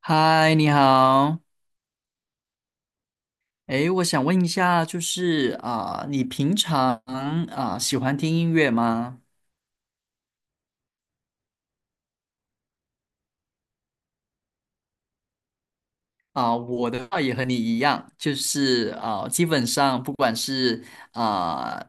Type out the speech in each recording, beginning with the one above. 嗨，你好。诶，我想问一下，就是你平常喜欢听音乐吗？我的话也和你一样，就是基本上不管是啊、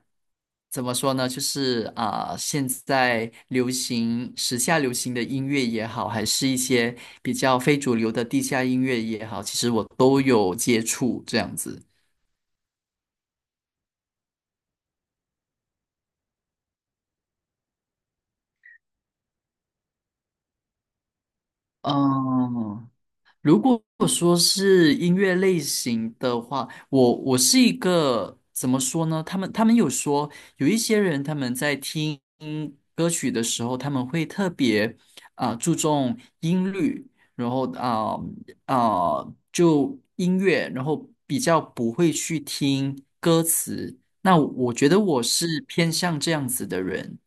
怎么说呢，就是现在流行、时下流行的音乐也好，还是一些比较非主流的地下音乐也好，其实我都有接触这样子。嗯，如果说是音乐类型的话，我是一个怎么说呢？他们有说有一些人他们在听歌曲的时候，他们会特别注重音律，然后啊、就音乐，然后比较不会去听歌词。那我觉得我是偏向这样子的人。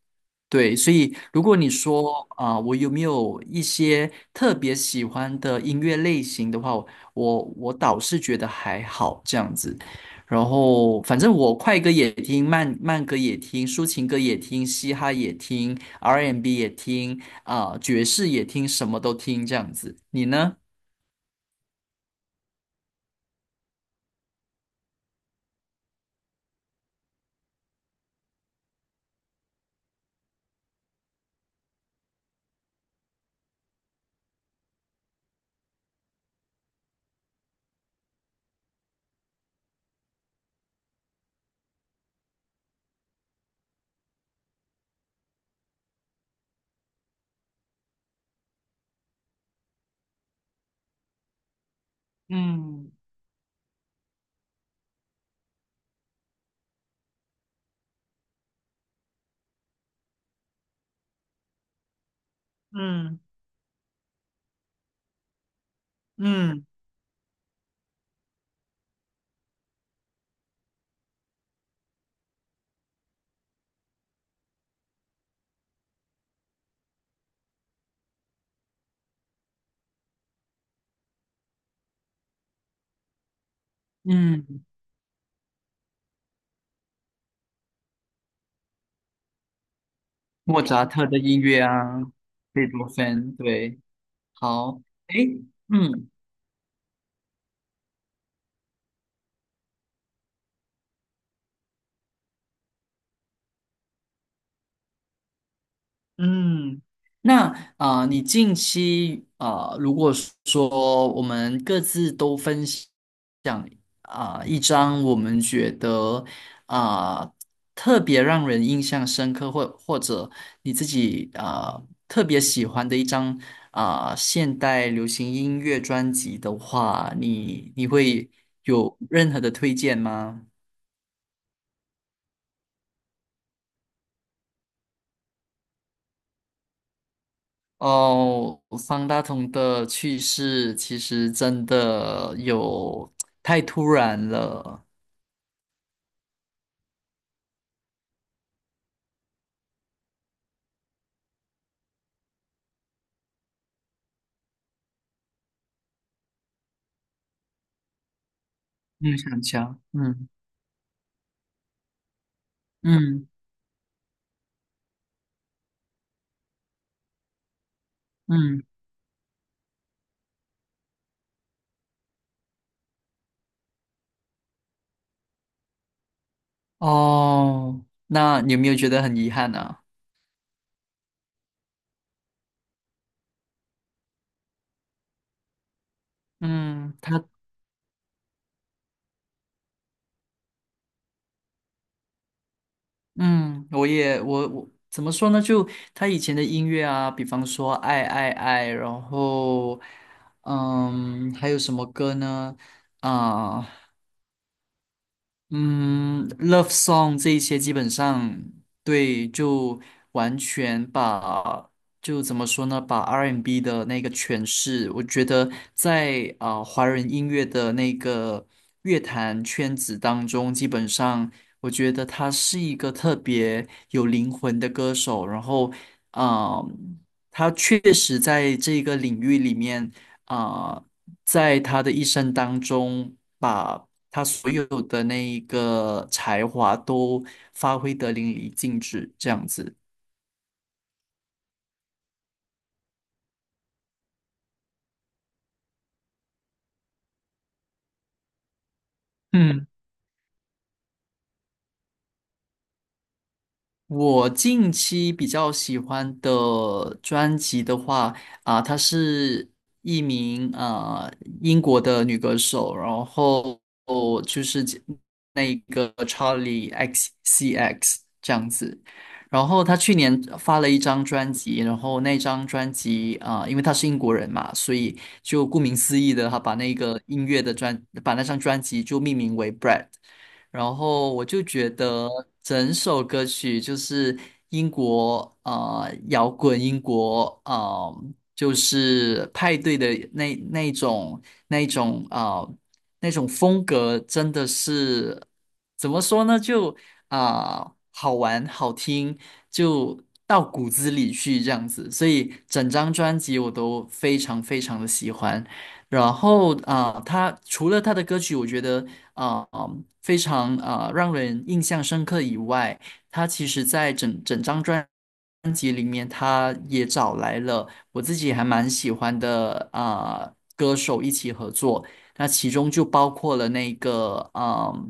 对，所以如果你说我有没有一些特别喜欢的音乐类型的话，我倒是觉得还好这样子。然后反正我快歌也听，慢慢歌也听，抒情歌也听，嘻哈也听，R&B 也听，爵士也听，什么都听这样子。你呢？嗯嗯嗯嗯，莫扎特的音乐啊，贝多芬，对，好，诶，嗯，嗯，那你近期如果说我们各自都分享一张我们觉得啊、特别让人印象深刻，或者你自己特别喜欢的一张现代流行音乐专辑的话，你会有任何的推荐吗？哦，方大同的去世其实真的有太突然了。嗯，想想，嗯嗯嗯，哦，那你有没有觉得很遗憾啊？嗯，他，嗯，我也，我怎么说呢？就他以前的音乐啊，比方说《爱爱爱》，然后，嗯，还有什么歌呢？啊、嗯，love song 这一些基本上对，就完全把就怎么说呢，把 R&B 的那个诠释，我觉得在华人音乐的那个乐坛圈子当中，基本上我觉得他是一个特别有灵魂的歌手，然后啊、呃他确实在这个领域里面啊。在他的一生当中，把他所有的那一个才华都发挥得淋漓尽致，这样子。嗯。我近期比较喜欢的专辑的话，她是一名英国的女歌手，然后就是那个 Charlie XCX 这样子。然后她去年发了一张专辑，然后那张专辑因为她是英国人嘛，所以就顾名思义的，她把那个音乐的专，把那张专辑就命名为 Bread。然后我就觉得整首歌曲就是英国啊摇滚，英国啊，就是派对的那那种那种啊那种风格，真的是怎么说呢？就好玩好听，就到骨子里去这样子。所以整张专辑我都非常非常的喜欢。然后他除了他的歌曲，我觉得啊、呃非常让人印象深刻以外，他其实在整张专辑里面，他也找来了我自己还蛮喜欢的歌手一起合作，那其中就包括了那个嗯、呃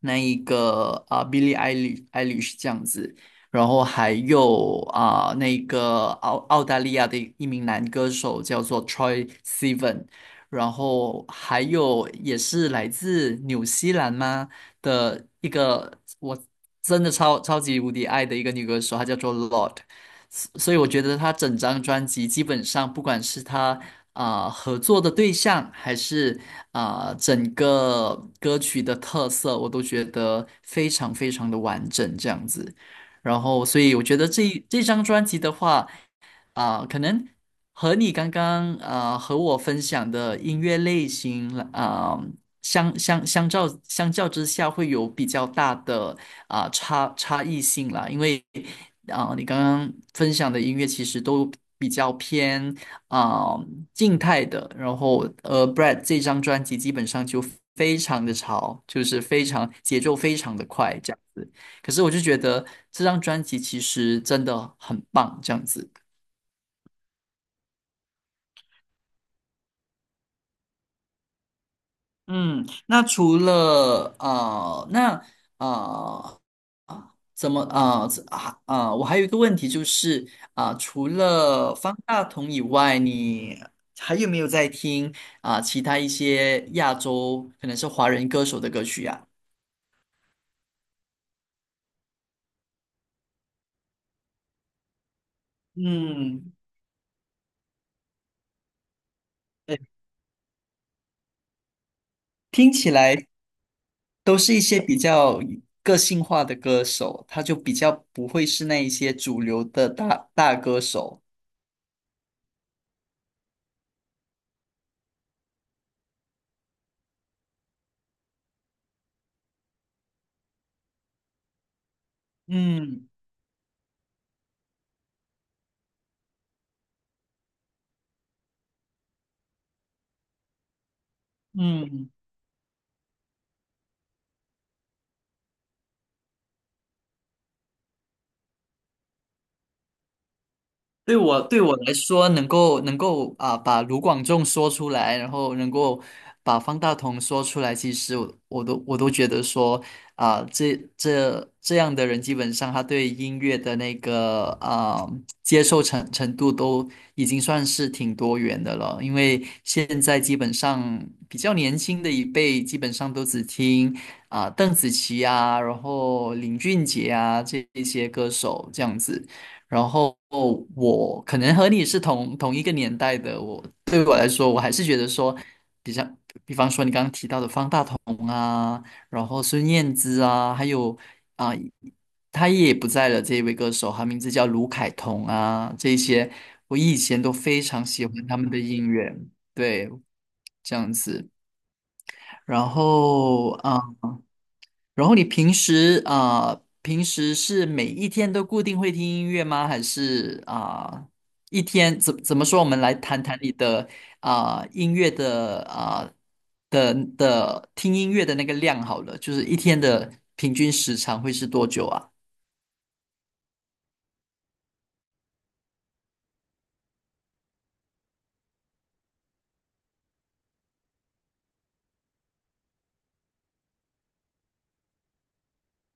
那一个啊、呃 Billie Eilish 这样子。然后还有那个澳大利亚的一名男歌手叫做 Troy Sivan，然后还有也是来自纽西兰吗的一个我真的超级无敌爱的一个女歌手，她叫做 Lord，所以我觉得她整张专辑基本上不管是她合作的对象，还是整个歌曲的特色，我都觉得非常非常的完整这样子。然后，所以我觉得这张专辑的话。啊，可能和你刚刚和我分享的音乐类型啊，相较之下，会有比较大的差异性啦。因为啊，你刚刚分享的音乐其实都比较偏啊静态的，然后Brad 这张专辑基本上就非常的潮，就是非常节奏非常的快这样子。可是我就觉得这张专辑其实真的很棒，这样子。嗯，那除了啊，那啊，怎么啊怎啊呃我还有一个问题就是除了方大同以外，你还有没有在听其他一些亚洲可能是华人歌手的歌曲呀、嗯，对，听起来都是一些比较个性化的歌手，他就比较不会是那一些主流的大歌手。嗯嗯。对我来说，能够把卢广仲说出来，然后能够把方大同说出来，其实我都觉得说这样的人，基本上他对音乐的那个接受程度都已经算是挺多元的了。因为现在基本上比较年轻的一辈，基本上都只听邓紫棋啊，然后林俊杰啊这一些歌手这样子。然后我可能和你是同一个年代的，对我来说，我还是觉得说，比较，比方说你刚刚提到的方大同啊，然后孙燕姿啊，还有啊、他也不在了这一位歌手，他名字叫卢凯彤啊，这一些我以前都非常喜欢他们的音乐，对，这样子。然后啊。然后你平时平时是每一天都固定会听音乐吗？还是一天怎么说？我们来谈谈你的音乐的的听音乐的那个量好了，就是一天的平均时长会是多久啊？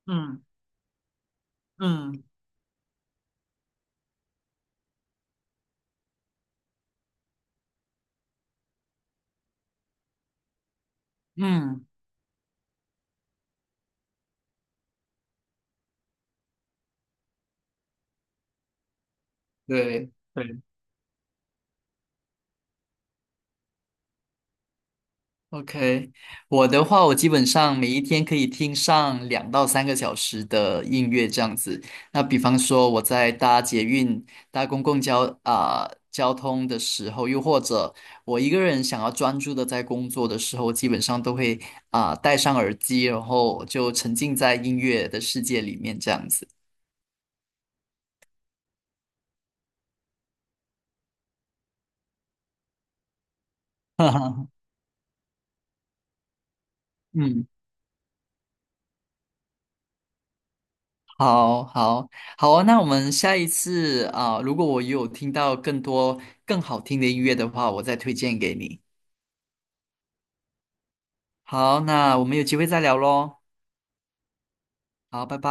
嗯嗯嗯，对对。OK，我的话，我基本上每一天可以听上2到3个小时的音乐这样子。那比方说我在搭捷运、搭公共交通的时候，又或者我一个人想要专注的在工作的时候，基本上都会戴上耳机，然后就沉浸在音乐的世界里面这样子。嗯好好好啊，那我们下一次啊，如果我有听到更多更好听的音乐的话，我再推荐给你。好，那我们有机会再聊喽。好，拜拜。